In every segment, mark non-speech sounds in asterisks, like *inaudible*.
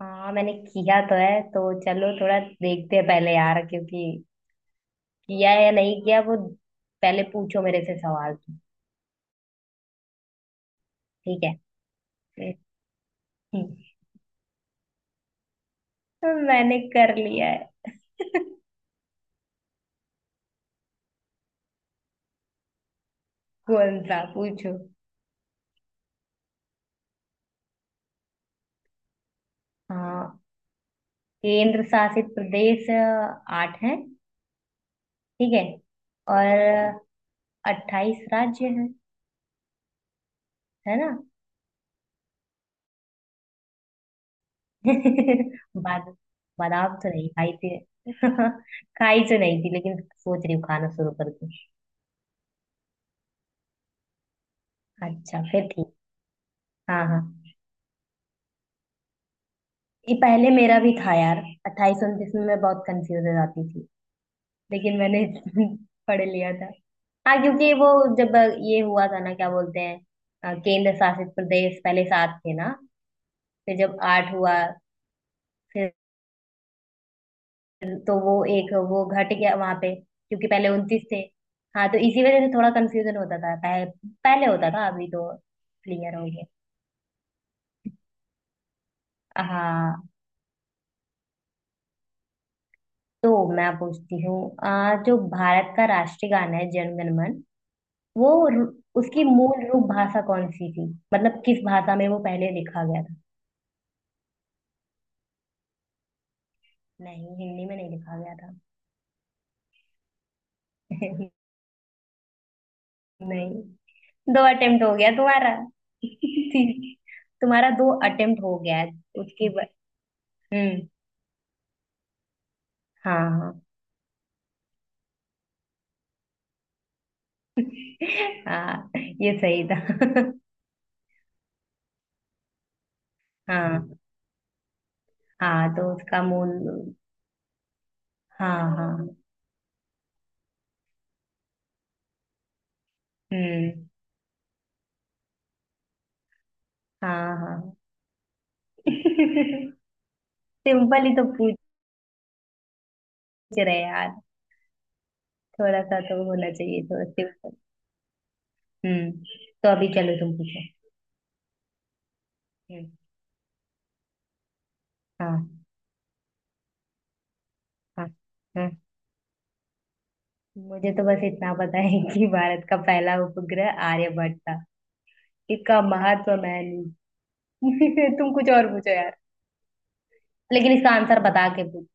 हाँ, मैंने किया तो है, तो चलो थोड़ा देखते हैं पहले यार, क्योंकि किया है या नहीं किया वो पहले पूछो मेरे से सवाल तुम। ठीक है। *laughs* मैंने कर लिया है। *laughs* कौन सा पूछो? हाँ। केंद्र शासित प्रदेश आठ है। ठीक है। और 28 राज्य हैं, है ना? *laughs* बाद बादाम तो नहीं खाई थी। *laughs* खाई तो नहीं थी, लेकिन सोच रही हूँ खाना शुरू कर दूँ। अच्छा, फिर ठीक। हाँ, हाँ। ये पहले मेरा भी था यार। 28 29 में मैं बहुत कंफ्यूज हो जाती थी, लेकिन मैंने *laughs* पढ़ लिया था। हाँ, क्योंकि वो जब ये हुआ था ना, क्या बोलते हैं, केंद्र शासित प्रदेश पहले सात थे ना। फिर जब आठ हुआ, फिर तो वो एक वो घट गया वहां पे, क्योंकि पहले 29 थे। हाँ, तो इसी वजह से थोड़ा कंफ्यूजन होता था पहले। पहले होता था, अभी तो क्लियर हो गया। हाँ। तो मैं पूछती हूँ, जो भारत का राष्ट्रीय गाना है जन गण मन, वो रु- उसकी मूल रूप भाषा कौन सी थी? मतलब किस भाषा में वो पहले लिखा गया था? नहीं, हिंदी में नहीं लिखा गया था। *laughs* नहीं, दो अटेम्प्ट हो गया तुम्हारा। *laughs* ठीक। तुम्हारा दो अटेम्प्ट हो गया है उसके बाद। हम्म। हाँ, हाँ। *laughs* हाँ, ये सही था। *laughs* हाँ, हाँ, तो उसका मूल। हाँ, हाँ। हम्म। हाँ, हाँ। *laughs* सिंपल ही तो पूछ रहे हैं यार। थोड़ा सा तो होना चाहिए थोड़ा। हम्म तो अभी चलो तुम पूछो। हम्म। हाँ, हाँ। हाँ, मुझे तो बस इतना पता है कि भारत का पहला उपग्रह आर्यभट्ट था। इसका महत्व मैं नहीं। *laughs* तुम कुछ और पूछो यार। लेकिन इसका आंसर बता के पूछ।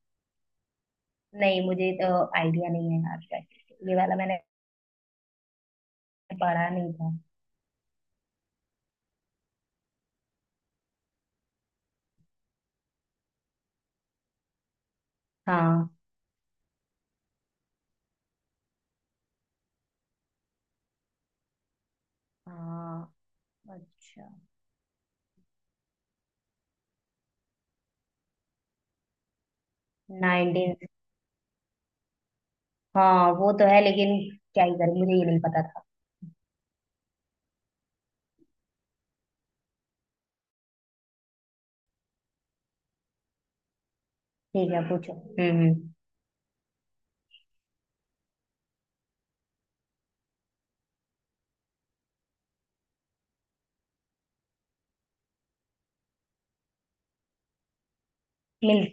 नहीं, मुझे तो आइडिया नहीं है यार। ये वाला मैंने पढ़ा नहीं था। हाँ, हाँ। अच्छा। 19। हाँ, वो तो है लेकिन क्या ही करें, मुझे ये नहीं पता था। ठीक है, पूछो। हम्म। हम्म। मिल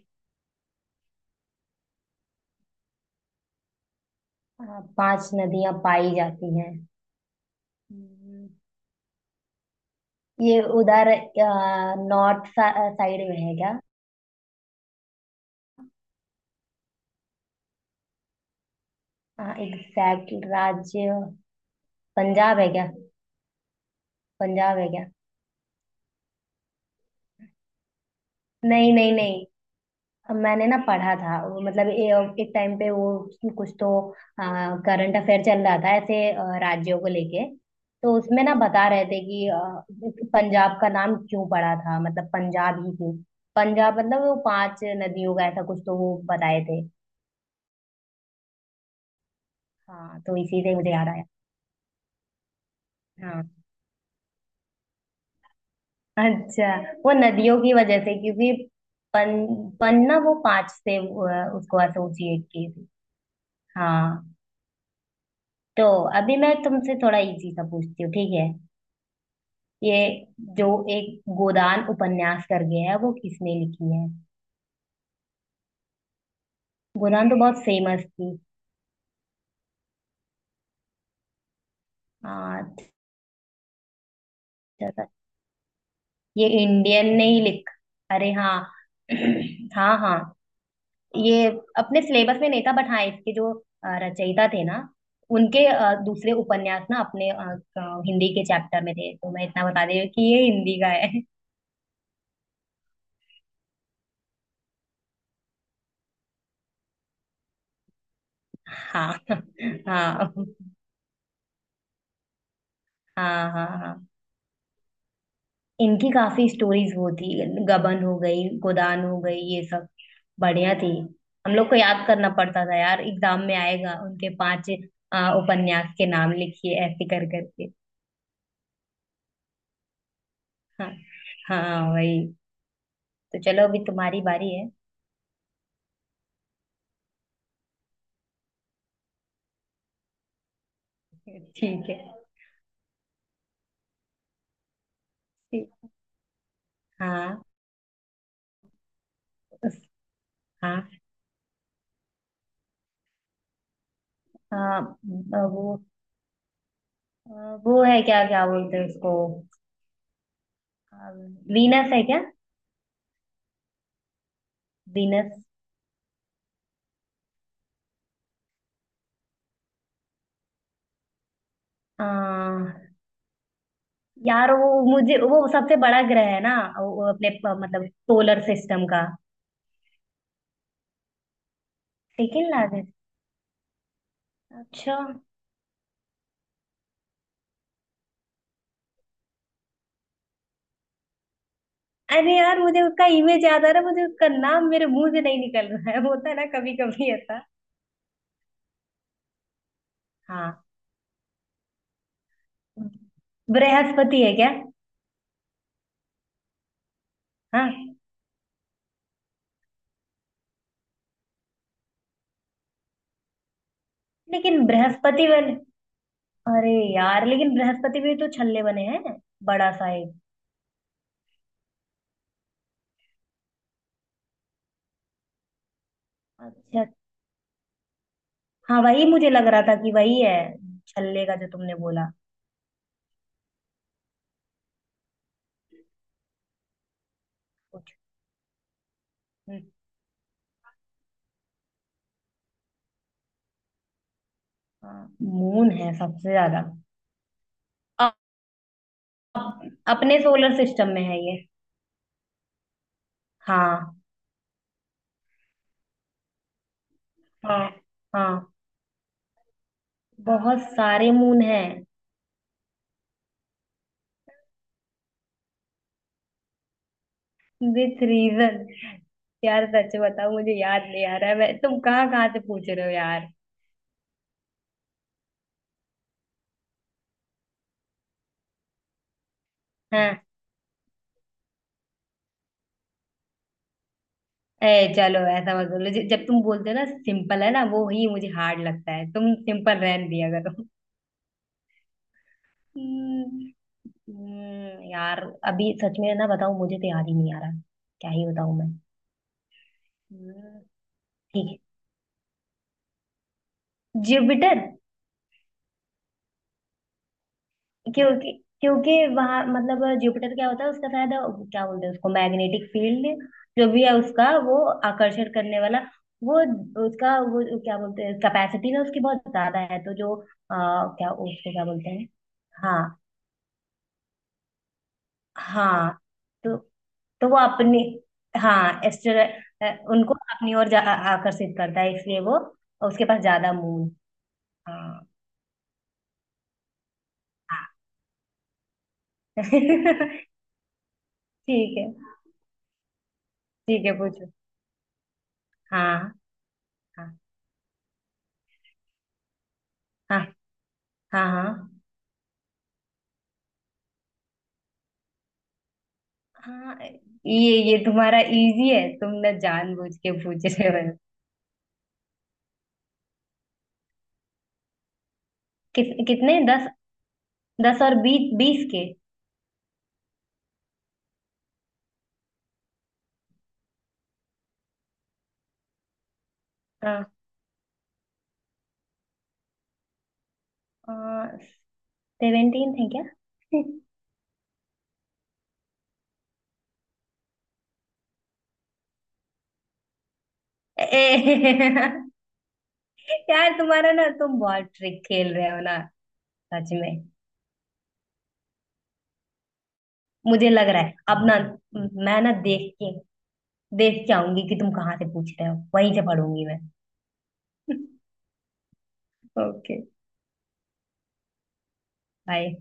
हाँ, पांच नदियां पाई जाती हैं। ये उधर नॉर्थ साइड में है क्या? एग्जैक्ट राज्य। पंजाब है क्या? पंजाब है क्या? नहीं, नहीं, नहीं। अब मैंने ना पढ़ा था वो, मतलब एक टाइम पे वो, कुछ तो करंट अफेयर चल रहा था ऐसे राज्यों को लेके, तो उसमें ना बता रहे थे कि पंजाब का नाम क्यों पड़ा था, मतलब पंजाब ही क्यों। पंजाब मतलब वो पांच नदियों का, ऐसा कुछ तो वो बताए थे। हाँ, तो इसी से मुझे याद आया। हाँ। अच्छा, वो नदियों की वजह से, क्योंकि पन, पन ना वो पांच से उसको एसोसिएट की थी। हाँ। तो अभी मैं तुमसे थोड़ा इजी सा पूछती हूँ, ठीक है? ये जो एक गोदान उपन्यास करके है, वो किसने लिखी है? गोदान तो बहुत फेमस थी। हाँ, अच्छा था। ये इंडियन नहीं लिख। अरे हाँ। *clears throat* हाँ, हाँ। ये अपने सिलेबस में नहीं था, बट हाँ, इसके जो रचयिता थे ना, उनके दूसरे उपन्यास ना अपने, हिंदी के चैप्टर में थे, तो मैं इतना बता दे रही हूँ कि ये हिंदी का है। हाँ, हाँ, हाँ। हाँ, हाँ, इनकी काफी स्टोरीज वो थी। गबन हो गई, गोदान हो गई, ये सब बढ़िया थी। हम लोग को याद करना पड़ता था यार, एग्जाम में आएगा उनके पांच उपन्यास के नाम लिखिए, ऐसे कर करके। हाँ। हाँ, वही। तो चलो, अभी तुम्हारी बारी है। ठीक है। ठीक। हाँ। उस- हाँ, हाँ। वो अ, वो है, क्या क्या बोलते हैं उसको? वीनस है क्या? वीनस। आ, यार वो, मुझे वो सबसे बड़ा ग्रह है ना वो, अपने मतलब सोलर सिस्टम का। Second largest. अच्छा। अरे यार, मुझे उसका इमेज याद आ रहा है, मुझे उसका नाम मेरे मुंह से नहीं निकल रहा है। *laughs* होता है ना कभी कभी ऐसा। हाँ। बृहस्पति है क्या? हाँ, लेकिन बृहस्पति वाले। अरे यार, लेकिन बृहस्पति भी तो छल्ले बने हैं, बड़ा सा एक। अच्छा। हाँ, वही मुझे लग रहा था कि वही है। छल्ले का जो तुमने बोला। कुछ। हम्म। हाँ, मून है सबसे ज्यादा। अप, अपने सोलर सिस्टम में है ये। हाँ, हाँ, हाँ। बहुत सारे मून हैं। With reason. यार सच बताओ, मुझे याद नहीं आ रहा है। मैं तुम कहाँ कहाँ से पूछ रहे हो यार। ए चलो, ऐसा मत बोलो, जब तुम बोलते हो ना सिंपल है ना, वो ही मुझे हार्ड लगता है। तुम सिंपल रहन दिया करो। हम्म। यार अभी सच में ना बताऊं, मुझे तो याद ही नहीं आ रहा। क्या ही बताऊं मैं। हम्म। ठीक है। जुपिटर। क्योंकि क्योंकि वहां मतलब जुपिटर क्या होता है उसका, शायद क्या बोलते हैं उसको, मैग्नेटिक फील्ड जो भी है उसका, वो आकर्षण करने वाला वो, उसका वो क्या बोलते हैं, कैपेसिटी ना उसकी बहुत ज्यादा है, तो जो क्या उसको क्या बोलते हैं। हाँ, हाँ, तो तो वो अपनी। हाँ, एस्टर, उनको अपनी ओर आकर्षित करता है, इसलिए वो उसके पास ज्यादा मून। हाँ। हाँ *laughs* ठीक है। ठीक है, पूछो। हाँ, हाँ, हाँ, हाँ, हाँ। हाँ, ये तुम्हारा इजी है, तुम ना जानबूझ के पूछ रहे हो। किस कितने? 10, 10 और 20, 20 के। हाँ। 17 है क्या? *laughs* ए, *laughs* यार तुम्हारा ना, तुम बहुत ट्रिक खेल रहे हो ना। सच में। मुझे लग रहा है अब ना, मैं ना देख के आऊंगी कि तुम कहाँ से पूछ रहे हो, वहीं से पढ़ूंगी मैं। ओके। बाय।